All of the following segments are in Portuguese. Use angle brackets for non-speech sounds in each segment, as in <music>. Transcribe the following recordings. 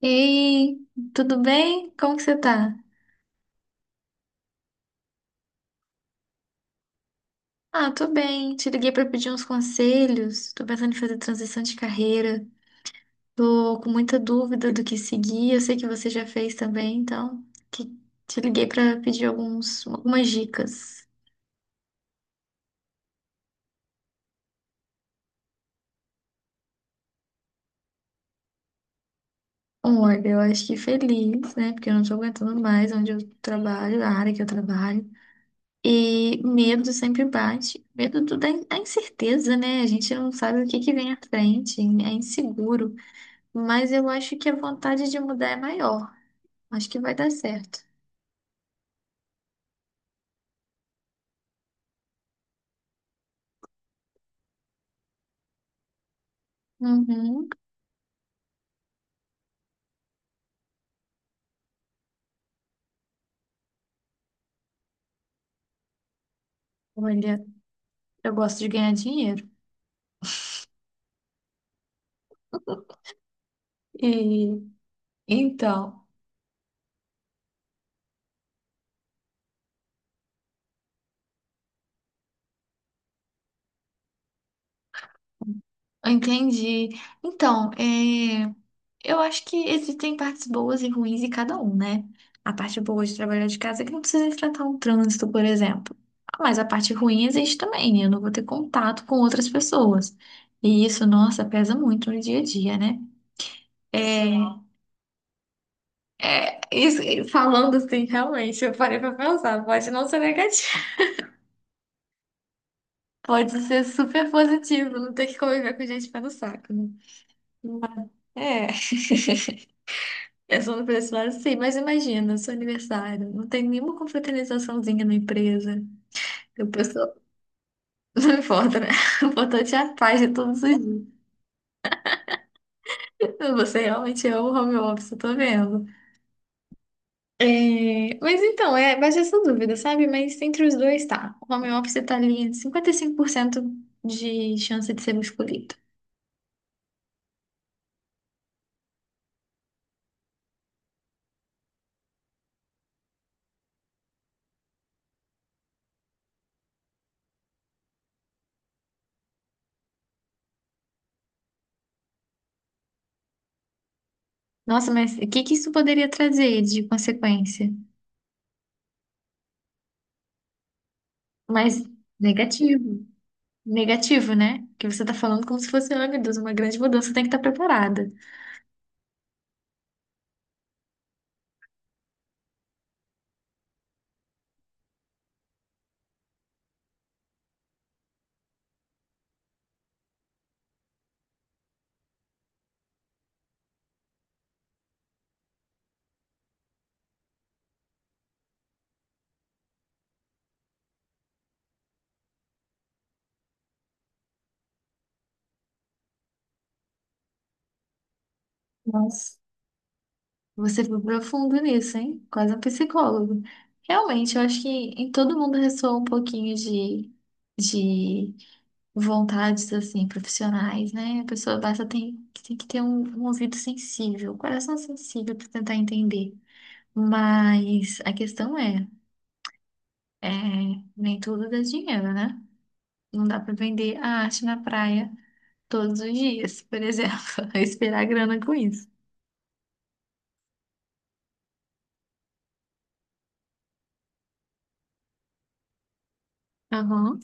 Ei, tudo bem? Como que você tá? Ah, tô bem. Te liguei pra pedir uns conselhos. Tô pensando em fazer transição de carreira. Tô com muita dúvida do que seguir. Eu sei que você já fez também, então que- te liguei pra pedir algumas dicas. Olha, eu acho que feliz, né? Porque eu não tô aguentando mais onde eu trabalho, a área que eu trabalho. E medo sempre bate. Medo da incerteza, né? A gente não sabe o que que vem à frente, é inseguro. Mas eu acho que a vontade de mudar é maior. Acho que vai dar certo. Uhum. Olha, eu gosto de ganhar dinheiro. E então, eu entendi. Então, é, eu acho que existem partes boas e ruins em cada um, né? A parte boa de trabalhar de casa é que não precisa enfrentar um trânsito, por exemplo. Mas a parte ruim existe também, né? Eu não vou ter contato com outras pessoas. E isso, nossa, pesa muito no dia a dia, né? É, isso, falando assim, realmente, eu parei pra pensar, pode não ser negativo, <laughs> pode ser super positivo, não ter que conviver com gente pé no saco, né? Mas, É, <laughs> pensando por esse lado, sim, mas imagina, seu aniversário, não tem nenhuma confraternizaçãozinha na empresa, o pessoal, <laughs> não importa, né? <laughs> O importante é a paz de todos os dias. Você realmente ama o home office, eu tô vendo. É, mas então, é, bate essa dúvida, sabe? Mas entre os dois tá. O home office tá ali em 55% de chance de ser o escolhido. Nossa, mas o que que isso poderia trazer de consequência? Mas negativo. Negativo, né? Porque você tá falando como se fosse, ai meu Deus, uma grande mudança, tem que estar preparada. Nossa. Você foi profundo nisso, hein? Quase um psicólogo. Realmente, eu acho que em todo mundo ressoa um pouquinho de vontades, assim, profissionais, né? A pessoa basta tem que ter um ouvido sensível, um coração sensível para tentar entender. Mas a questão é, nem tudo dá dinheiro, né? Não dá para vender a arte na praia todos os dias, por exemplo, <laughs> esperar grana com isso. Aham.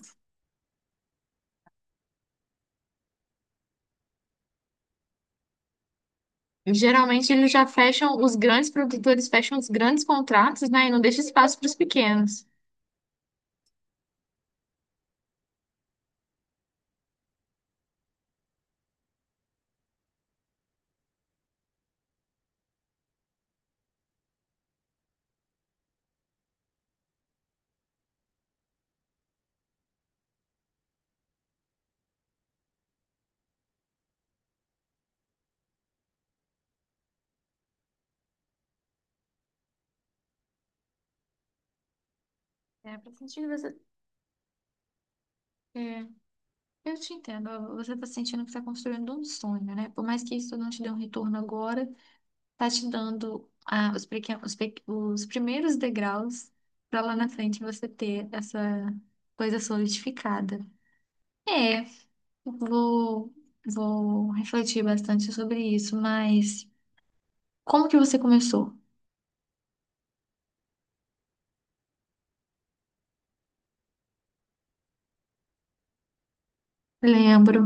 Geralmente eles já fecham, os grandes produtores fecham os grandes contratos, né? E não deixa espaço para os pequenos. É, para sentir você. É, eu te entendo. Você está sentindo que está construindo um sonho, né? Por mais que isso não te dê um retorno agora, tá te dando ah, os, pequen- os, pe- os primeiros degraus para lá na frente você ter essa coisa solidificada. É, vou, vou refletir bastante sobre isso, mas como que você começou? Lembro.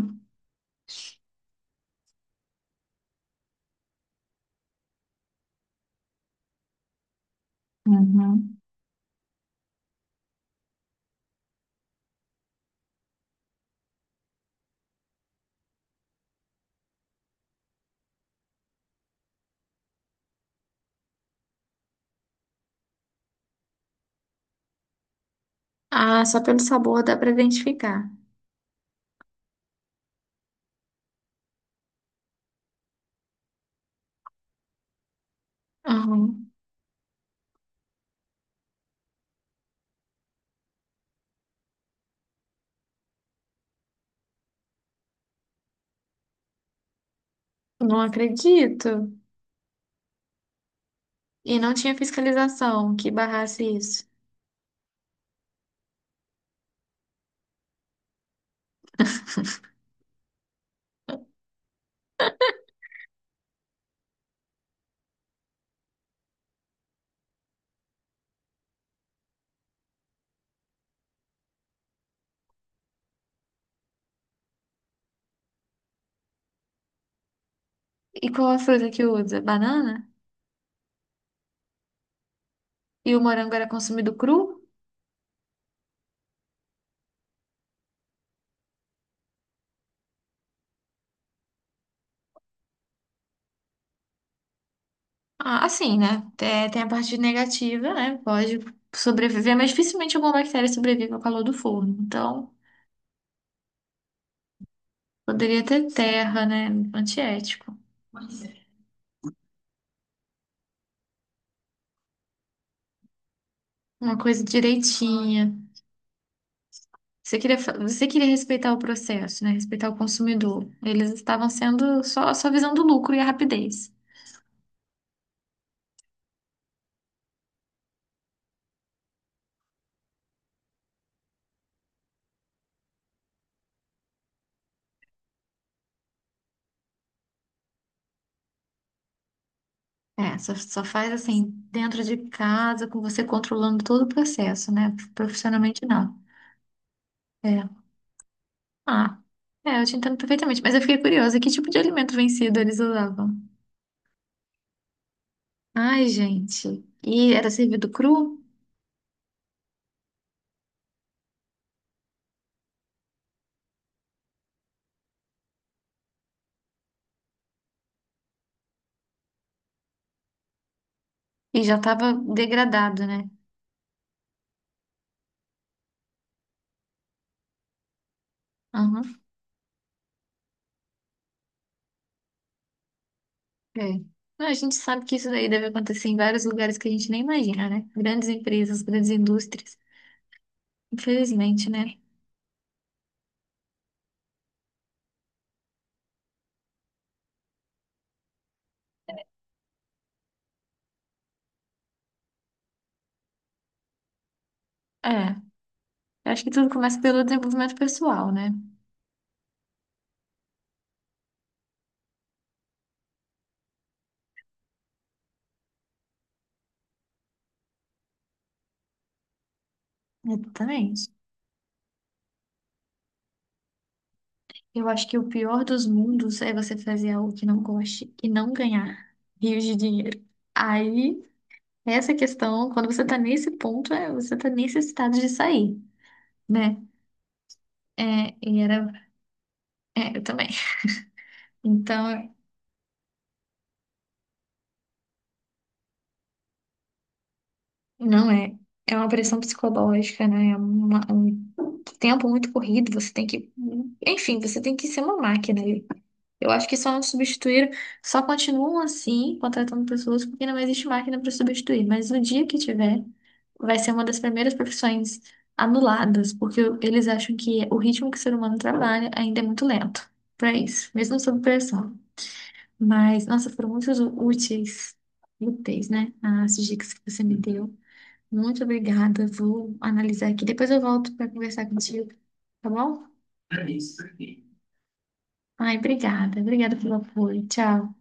Uhum. Ah, só pelo sabor dá para identificar. Uhum. Não acredito. E não tinha fiscalização que barrasse isso. E qual a fruta que usa? Banana? E o morango era consumido cru? Ah, assim, né? Tem a parte negativa, né? Pode sobreviver, mas dificilmente alguma bactéria sobrevive ao calor do forno. Então, poderia ter terra, né? Antiético. Uma coisa direitinha. Você queria, você queria respeitar o processo, né? Respeitar o consumidor. Eles estavam sendo só visando o lucro e a rapidez. É, só faz assim, dentro de casa, com você controlando todo o processo, né? Profissionalmente, não. É. Ah, é, eu te entendo perfeitamente. Mas eu fiquei curiosa, que tipo de alimento vencido eles usavam? Ai, gente. E era servido cru e já estava degradado, né? Aham. É. Não, a gente sabe que isso daí deve acontecer em vários lugares que a gente nem imagina, né? Grandes empresas, grandes indústrias. Infelizmente, né? É. Eu acho que tudo começa pelo desenvolvimento pessoal, né? Exatamente. Eu acho que o pior dos mundos é você fazer algo que não goste e não ganhar rios de dinheiro. Aí, essa questão, quando você tá nesse ponto, é, você tá necessitado de sair, né? É, e era, é, eu também. Então, não é. É uma pressão psicológica, né? É um tempo muito corrido, você tem que, enfim, você tem que ser uma máquina. Eu acho que só não substituíram, só continuam assim, contratando pessoas, porque não existe máquina para substituir. Mas no dia que tiver, vai ser uma das primeiras profissões anuladas, porque eles acham que o ritmo que o ser humano trabalha ainda é muito lento para isso, mesmo sob pressão. Mas, nossa, foram muito úteis, úteis, né? As dicas que você me deu. Muito obrigada. Vou analisar aqui. Depois eu volto para conversar contigo, tá bom? Ai, obrigada. Obrigada pelo apoio. Tchau.